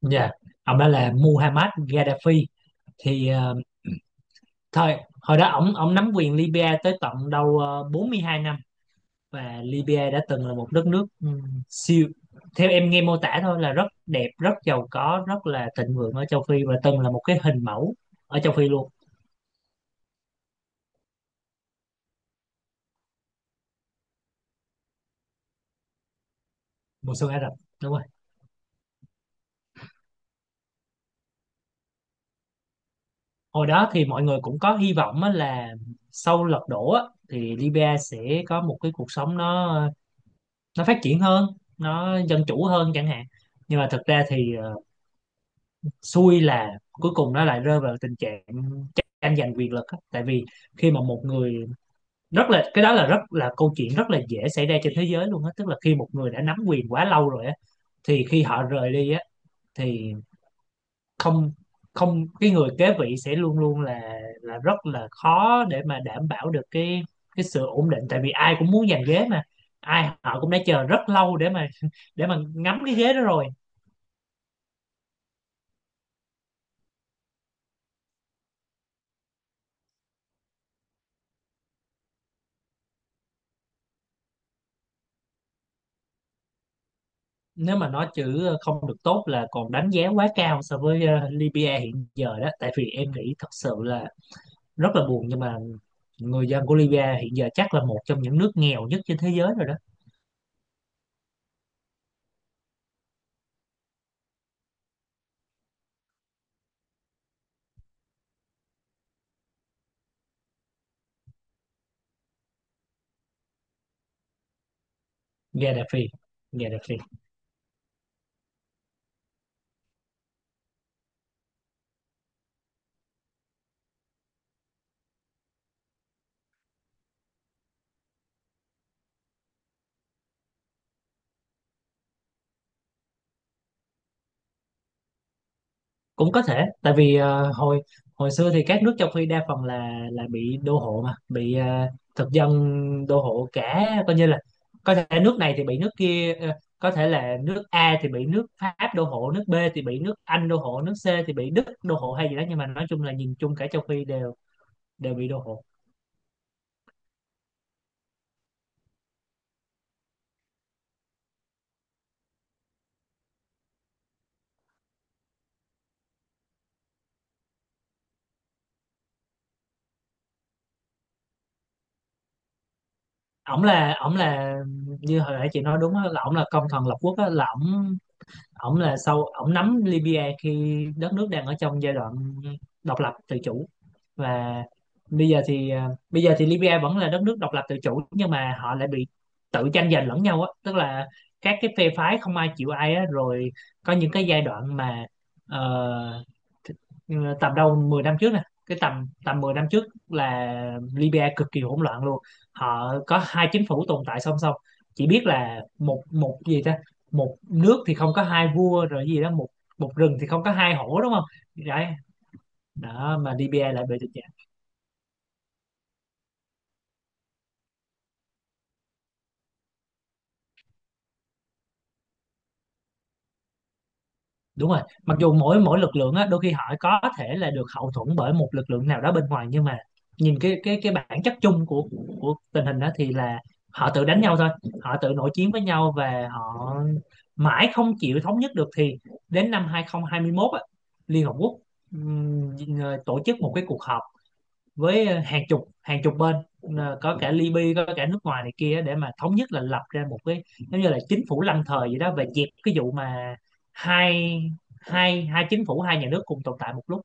Dạ, ông đó là Muhammad Gaddafi. Thì thời hồi đó ổng ổng nắm quyền Libya tới tận đâu 42 năm. Và Libya đã từng là một đất nước siêu, theo em nghe mô tả thôi, là rất đẹp, rất giàu có, rất là thịnh vượng ở châu Phi và từng là một cái hình mẫu ở châu Phi luôn. Mùa xuân Ả Rập. Đúng rồi. Hồi đó thì mọi người cũng có hy vọng á là sau lật đổ á, thì Libya sẽ có một cái cuộc sống nó phát triển hơn, nó dân chủ hơn chẳng hạn. Nhưng mà thực ra thì xui là cuối cùng nó lại rơi vào tình trạng tranh giành quyền lực á. Tại vì khi mà một người rất là cái đó là rất là câu chuyện rất là dễ xảy ra trên thế giới luôn á, tức là khi một người đã nắm quyền quá lâu rồi á, thì khi họ rời đi á, thì không không cái người kế vị sẽ luôn luôn là rất là khó để mà đảm bảo được cái sự ổn định, tại vì ai cũng muốn giành ghế mà, ai họ cũng đã chờ rất lâu để mà ngắm cái ghế đó rồi. Nếu mà nói chữ không được tốt là còn đánh giá quá cao so với Libya hiện giờ đó, tại vì em nghĩ thật sự là rất là buồn, nhưng mà người dân của Libya hiện giờ chắc là một trong những nước nghèo nhất trên thế giới rồi đó. Gaddafi. Gaddafi. Cũng có thể, tại vì hồi hồi xưa thì các nước châu Phi đa phần là bị đô hộ mà, bị thực dân đô hộ cả, coi như là có thể nước này thì bị nước kia có thể là nước A thì bị nước Pháp đô hộ, nước B thì bị nước Anh đô hộ, nước C thì bị Đức đô hộ hay gì đó, nhưng mà nói chung là nhìn chung cả châu Phi đều đều bị đô hộ. Ổng là như hồi nãy chị nói đúng á, là ổng là công thần lập quốc á, là ổng ổng là sau ổng nắm Libya khi đất nước đang ở trong giai đoạn độc lập tự chủ. Và bây giờ thì Libya vẫn là đất nước độc lập tự chủ, nhưng mà họ lại bị tự tranh giành lẫn nhau á, tức là các cái phe phái không ai chịu ai á. Rồi có những cái giai đoạn mà ờ, tầm đâu 10 năm trước nè, cái tầm tầm 10 năm trước là Libya cực kỳ hỗn loạn luôn. Họ có hai chính phủ tồn tại song song. Chỉ biết là một một gì ta, một nước thì không có hai vua rồi gì đó, một một rừng thì không có hai hổ đúng không. Đấy. Đó mà Libya lại bị. Đúng rồi, mặc dù mỗi mỗi lực lượng á đôi khi họ có thể là được hậu thuẫn bởi một lực lượng nào đó bên ngoài, nhưng mà nhìn cái bản chất chung của tình hình đó thì là họ tự đánh nhau thôi. Họ tự nội chiến với nhau và họ mãi không chịu thống nhất được, thì đến năm 2021 á, Liên Hợp Quốc ừm, tổ chức một cái cuộc họp với hàng chục bên, có cả Libya có cả nước ngoài này kia, để mà thống nhất là lập ra một cái giống như là chính phủ lâm thời vậy đó, và dẹp cái vụ mà hai hai hai chính phủ, hai nhà nước cùng tồn tại một lúc.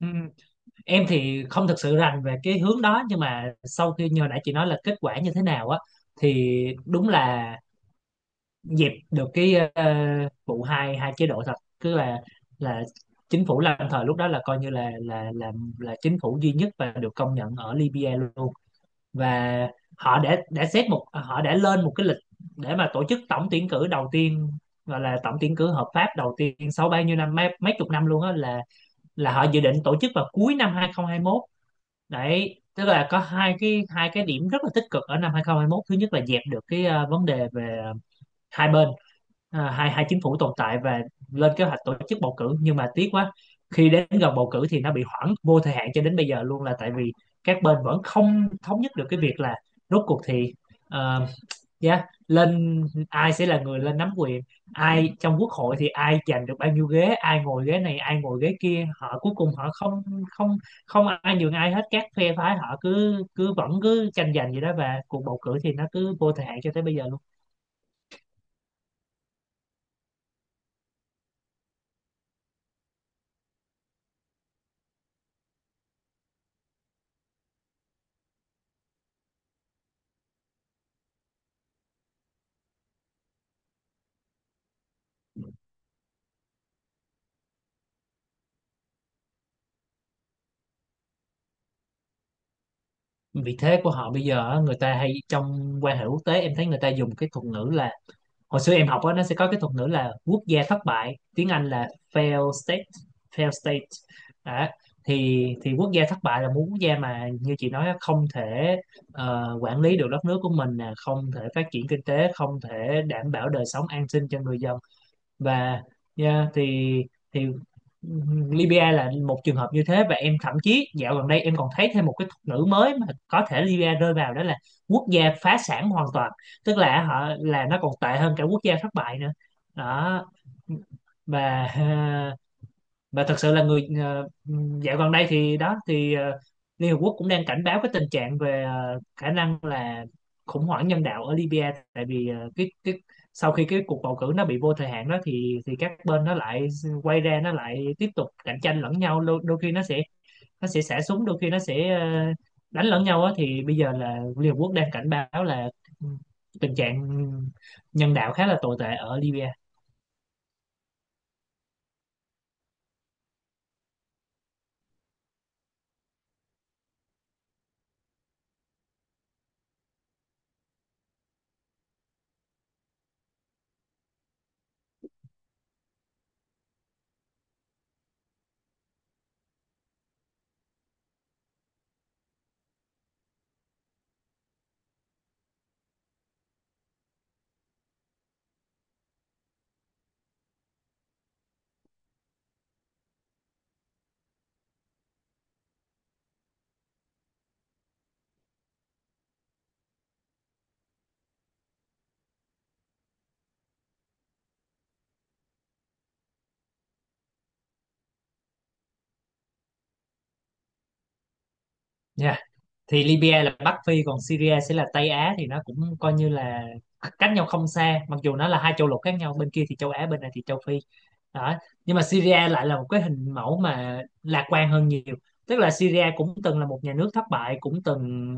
Ừ. Em thì không thực sự rành về cái hướng đó, nhưng mà sau khi như hồi nãy chị nói là kết quả như thế nào á, thì đúng là dẹp được cái vụ hai hai chế độ thật. Cứ là chính phủ lâm thời lúc đó là coi như là chính phủ duy nhất và được công nhận ở Libya luôn. Và họ đã lên một cái lịch để mà tổ chức tổng tuyển cử đầu tiên, gọi là tổng tuyển cử hợp pháp đầu tiên sau bao nhiêu năm, mấy chục năm luôn á, là họ dự định tổ chức vào cuối năm 2021. Đấy, tức là có hai cái điểm rất là tích cực ở năm 2021. Thứ nhất là dẹp được cái vấn đề về hai bên, hai hai chính phủ tồn tại, và lên kế hoạch tổ chức bầu cử. Nhưng mà tiếc quá, khi đến gần bầu cử thì nó bị hoãn vô thời hạn cho đến bây giờ luôn, là tại vì các bên vẫn không thống nhất được cái việc là rốt cuộc thì ờ, yeah, ai sẽ là người lên nắm quyền, ai trong quốc hội thì ai giành được bao nhiêu ghế, ai ngồi ghế này ai ngồi ghế kia. Họ cuối cùng họ không không không ai nhường ai hết. Các phe phái họ cứ cứ vẫn cứ tranh giành vậy đó, và cuộc bầu cử thì nó cứ vô thời hạn cho tới bây giờ luôn. Vị thế của họ bây giờ á, người ta hay trong quan hệ quốc tế, em thấy người ta dùng cái thuật ngữ là, hồi xưa em học á, nó sẽ có cái thuật ngữ là quốc gia thất bại, tiếng Anh là failed state. Failed state đó. Thì quốc gia thất bại là một quốc gia mà như chị nói á, không thể quản lý được đất nước của mình nè, không thể phát triển kinh tế, không thể đảm bảo đời sống an sinh cho người dân. Và yeah, thì Libya là một trường hợp như thế, và em thậm chí dạo gần đây em còn thấy thêm một cái thuật ngữ mới mà có thể Libya rơi vào, đó là quốc gia phá sản hoàn toàn, tức là họ là nó còn tệ hơn cả quốc gia thất bại nữa đó. Và và thật sự là dạo gần đây thì Liên Hợp Quốc cũng đang cảnh báo cái tình trạng về khả năng là khủng hoảng nhân đạo ở Libya. Tại vì cái sau khi cái cuộc bầu cử nó bị vô thời hạn đó, thì các bên nó lại quay ra nó lại tiếp tục cạnh tranh lẫn nhau. Đôi khi nó sẽ xả súng, đôi khi nó sẽ đánh lẫn nhau á. Thì bây giờ là Liên Hợp Quốc đang cảnh báo là tình trạng nhân đạo khá là tồi tệ ở Libya. Dạ. Thì Libya là Bắc Phi, còn Syria sẽ là Tây Á, thì nó cũng coi như là cách nhau không xa, mặc dù nó là hai châu lục khác nhau, bên kia thì châu Á bên này thì châu Phi đó. Nhưng mà Syria lại là một cái hình mẫu mà lạc quan hơn nhiều, tức là Syria cũng từng là một nhà nước thất bại, cũng từng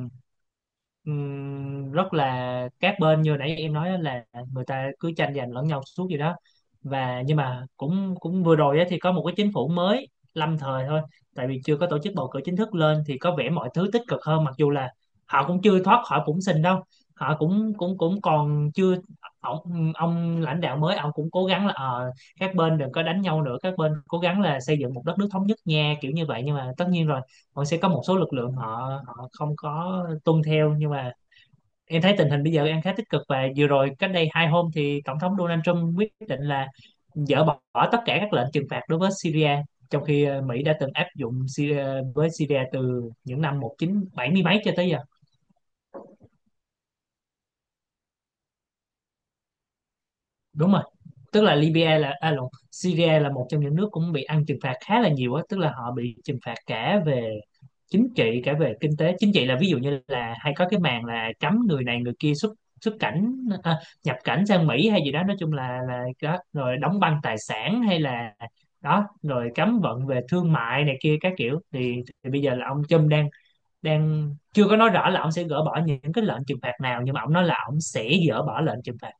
rất là các bên như nãy em nói á là người ta cứ tranh giành lẫn nhau suốt gì đó. Và nhưng mà cũng cũng vừa rồi á thì có một cái chính phủ mới lâm thời thôi, tại vì chưa có tổ chức bầu cử chính thức lên, thì có vẻ mọi thứ tích cực hơn, mặc dù là họ cũng chưa thoát khỏi bủn xỉn đâu, họ cũng cũng cũng còn chưa. Ông lãnh đạo mới, ông cũng cố gắng là các bên đừng có đánh nhau nữa, các bên cố gắng là xây dựng một đất nước thống nhất nha, kiểu như vậy. Nhưng mà tất nhiên rồi, còn sẽ có một số lực lượng họ họ không có tuân theo, nhưng mà em thấy tình hình bây giờ đang khá tích cực. Và vừa rồi cách đây 2 hôm thì tổng thống Donald Trump quyết định là dỡ bỏ tất cả các lệnh trừng phạt đối với Syria, trong khi Mỹ đã từng áp dụng với Syria từ những năm 1970 mấy cho tới giờ. Đúng rồi, tức là Libya là à, lộn, Syria là một trong những nước cũng bị ăn trừng phạt khá là nhiều á, tức là họ bị trừng phạt cả về chính trị cả về kinh tế. Chính trị là ví dụ như là hay có cái màn là cấm người này người kia xuất xuất cảnh, à, nhập cảnh sang Mỹ hay gì đó, nói chung là đó. Rồi đóng băng tài sản hay là đó. Rồi cấm vận về thương mại này kia các kiểu, thì bây giờ là ông Trump đang đang chưa có nói rõ là ông sẽ gỡ bỏ những cái lệnh trừng phạt nào, nhưng mà ông nói là ông sẽ gỡ bỏ lệnh trừng phạt.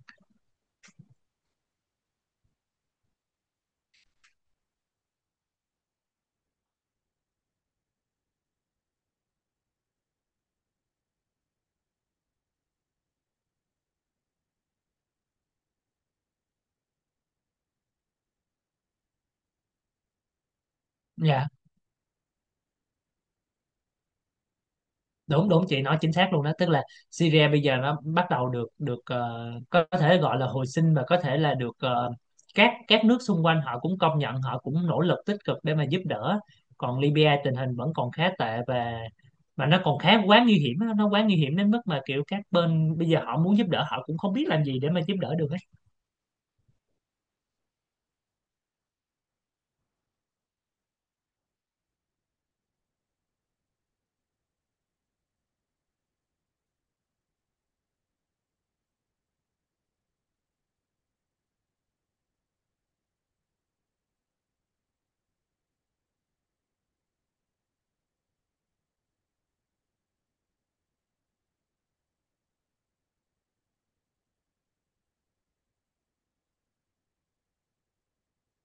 Dạ. Đúng đúng, chị nói chính xác luôn đó, tức là Syria bây giờ nó bắt đầu được được có thể gọi là hồi sinh, và có thể là được các nước xung quanh họ cũng công nhận, họ cũng nỗ lực tích cực để mà giúp đỡ. Còn Libya tình hình vẫn còn khá tệ, và nó còn khá quá nguy hiểm á, nó quá nguy hiểm đến mức mà kiểu các bên bây giờ họ muốn giúp đỡ họ cũng không biết làm gì để mà giúp đỡ được.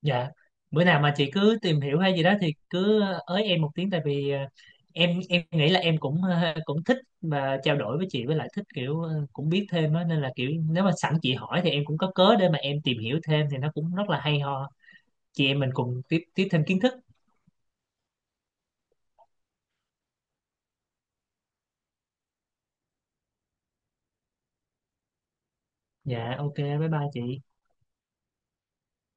Dạ, bữa nào mà chị cứ tìm hiểu hay gì đó thì cứ ới em một tiếng, tại vì em nghĩ là em cũng cũng thích và trao đổi với chị, với lại thích kiểu cũng biết thêm á, nên là kiểu nếu mà sẵn chị hỏi thì em cũng có cớ để mà em tìm hiểu thêm, thì nó cũng rất là hay ho. Chị em mình cùng tiếp tiếp thêm kiến thức. Dạ, ok, bye bye chị.